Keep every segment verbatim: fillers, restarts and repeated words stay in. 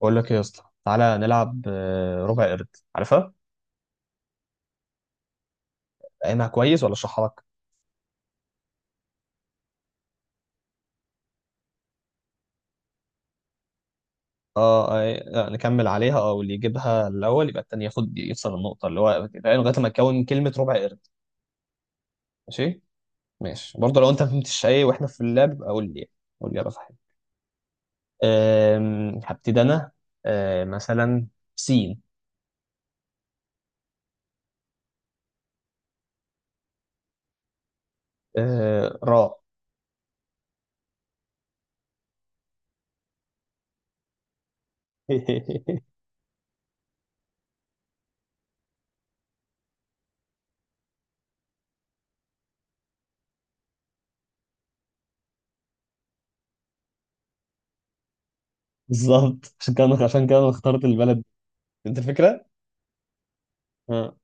بقول لك ايه يا اسطى؟ تعالى نلعب آه، ربع قرد. عارفها؟ فاهمها كويس ولا اشرحها لك؟ اه، آه، نكمل عليها. اه، واللي يجيبها الاول يبقى التاني ياخد، يكسب النقطه. اللي هو فاهم لغايه ما تكون كلمه ربع قرد. ماشي. ماشي برضه، لو انت ما فهمتش ايه واحنا في اللعب يبقى قول لي، يعني. قول لي ابقى فاهم. آم، هبتدي انا. آه، مثلا سين. آه، راء. بالظبط، عشان كده عشان كده انا اخترت البلد دي. انت الفكره. آه.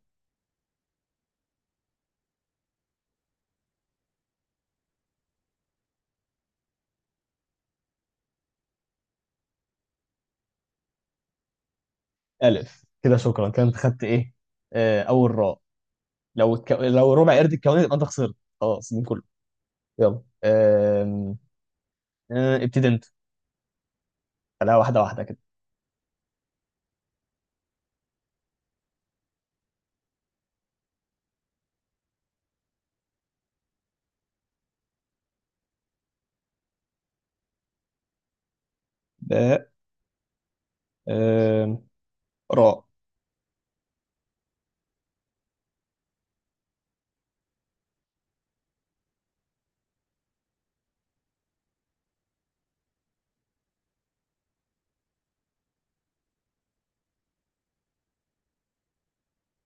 الف. كده شكرا. كده انت خدت ايه؟ آه، اول راء. لو الك... لو ربع قرد الكواني يبقى انت خسرت خلاص من كله. يلا أم... أه، ابتدي انت. خليها واحده واحده كده. ب. أم... راء.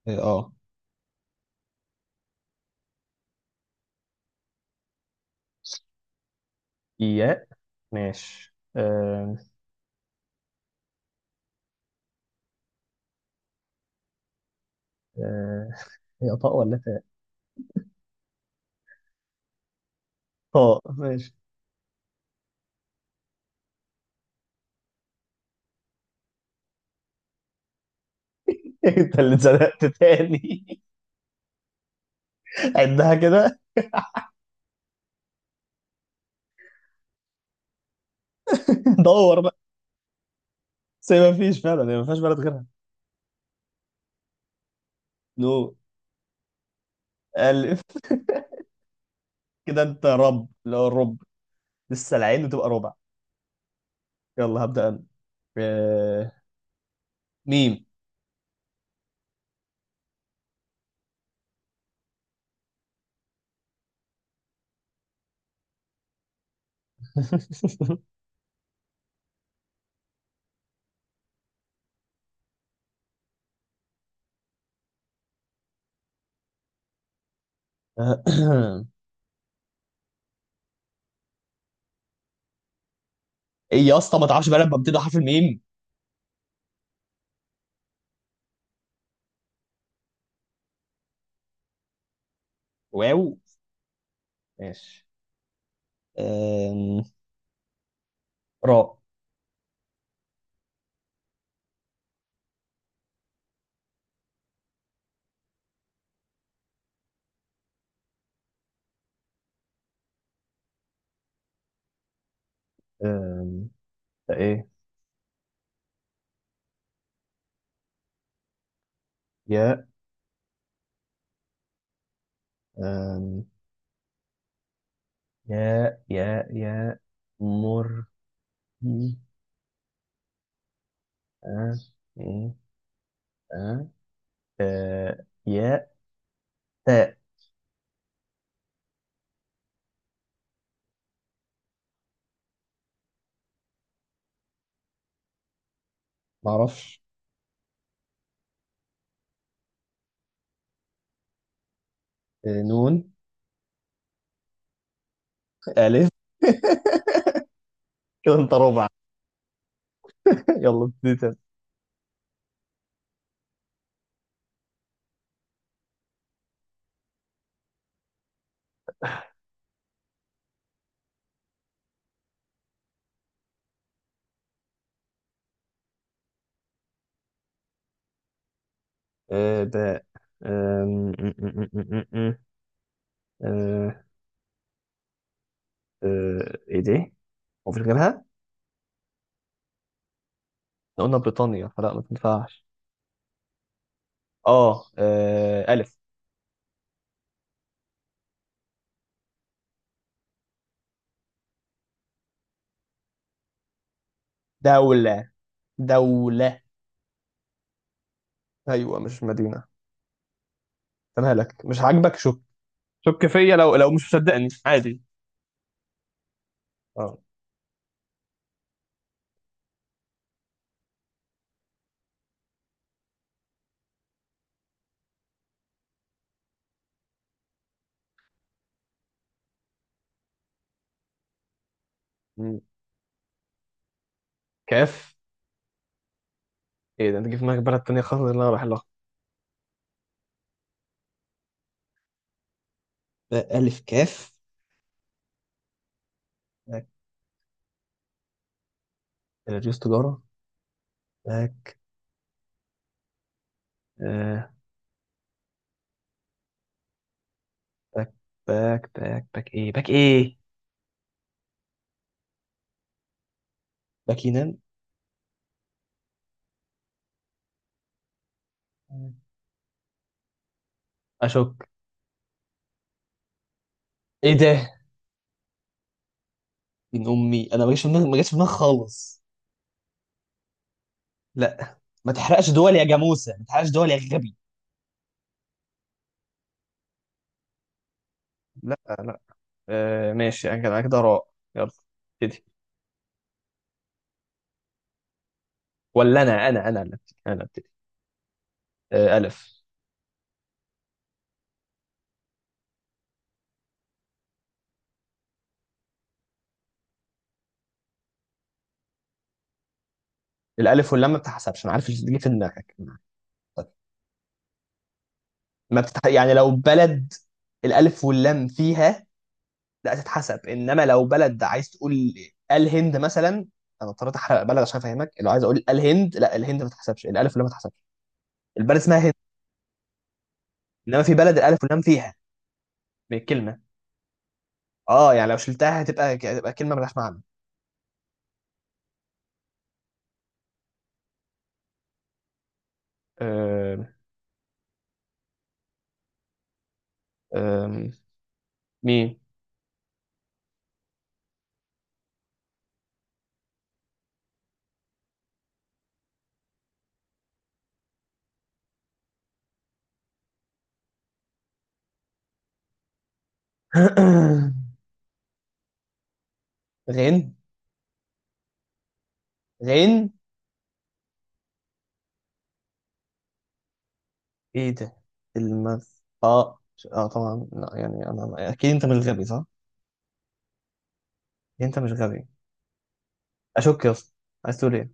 اه. ياء. ماشي أم... أه، هي طاء ولا تاء؟ طاء. ماشي. انت اللي اتزنقت تاني. عدها كده. دور بقى. بس هي ما فيش فعلا، هي ما فيهاش بلد غيرها. نو. الف. كده انت رب، اللي هو الرب. لسه العين وتبقى ربع. يلا هبدأ انا. أه، ميم. ايه يا اسطى، ما تعرفش بقى لما بتبدا حرف الميم؟ واو. ماشي. أم... راء. أم... ده ايه؟ يا. أم... يا يا يا مر. أه. إيه؟ أه. أه. يا. تاء. معرفش. أه. نون. ألف. كده انت ربع. يلا ابتدي تاني. أه. باء. أم... أم، أم، أم، أم، أم. أه. أه. ايه دي؟ مفيش غيرها؟ احنا قلنا بريطانيا، فلا ما تنفعش. اه، آه، ألف. دولة. دولة. ايوه، مش مدينه. أنا لك مش عاجبك؟ شك. شك فيا، لو لو مش مصدقني عادي. اه. مم. كاف. ايه ده، انت جه في دماغك بلد تانية خالص اللي انا رايح لها؟ آه، الف كاف. باك. رئيس تجارة. باك. آه. باك. باك باك باك ايه؟ باك ايه؟ باكينان. اشك. ايه ده؟ من امي، انا ما جاش في دماغي، ما جاش في دماغي خالص. لا، ما تحرقش دول يا جاموسه، ما تحرقش دول يا غبي. لا، لا. آه ماشي. انا كده، أنا كده راء. يلا ابتدي. ولا انا انا انا اللي ابتدي؟ انا ابتدي. آه الف. الالف واللام ما بتحسبش، انا عارف اللي بتيجي في دماغك. طيب. ما بتتح... يعني لو بلد الالف واللام فيها لا تتحسب. انما لو بلد عايز تقول الهند مثلا، انا اضطريت احرق بلد عشان افهمك. لو عايز اقول الهند، لا، الهند ما تتحسبش الالف واللام، ما تتحسبش. البلد اسمها هند. انما في بلد الالف واللام فيها بالكلمه. اه، يعني لو شلتها هتبقى هتبقى كلمه ملهاش معنى. آه... آه... مين. غين. غين. ايه ده؟ المغ اه ش- اه طبعا لا. يعني انا اكيد انت مش غبي، صح؟ أكيد انت مش غبي. اشك يا اسطى. عايز تقول ايه؟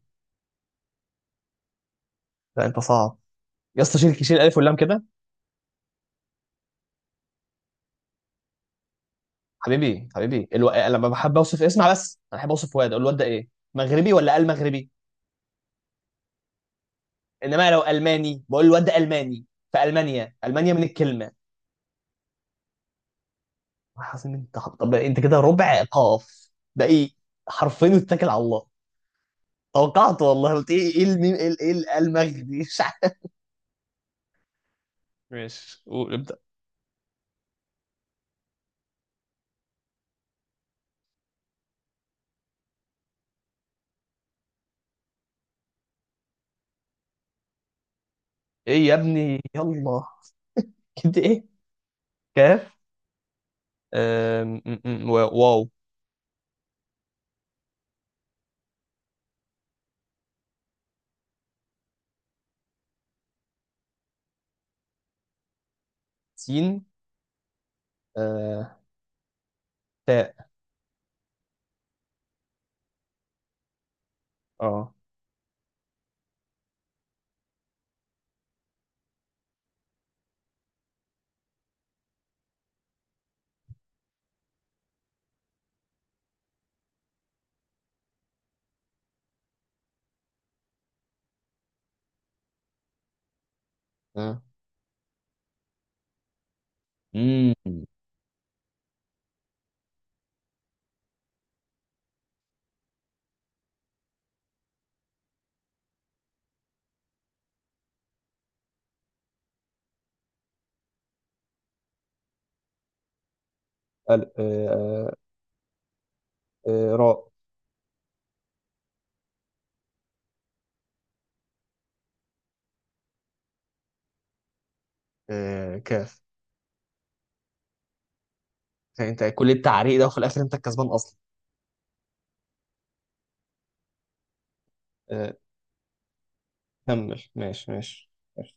لا، انت صعب. يا اسطى شيل شيل الف واللام كده. حبيبي حبيبي، الو... لما بحب اوصف، اسمع بس، انا بحب اوصف واد، اقول الواد ده ايه؟ مغربي ولا المغربي؟ انما لو الماني بقول الواد ده الماني، في المانيا، المانيا من الكلمه. حاسس انت؟ حط- طب انت كده ربع قاف، ده ايه؟ حرفين واتكل على الله. توقعت، والله، قلت ايه؟ ايه الميم، ايه، إيه المغربي؟ مش عارف. ماشي، قول ابدأ. ايه يا ابني؟ يلا. كده ايه؟ كاف. آم، م- م- و- واو. سين. آه، تاء. اه. آه. امم. ال- آه، آه، آه، راء. آه، كاف. يعني انت كل التعريق ده وفي الاخر انت الكسبان اصلا؟ آه، كمل. ماشي. ماشي. ماشي.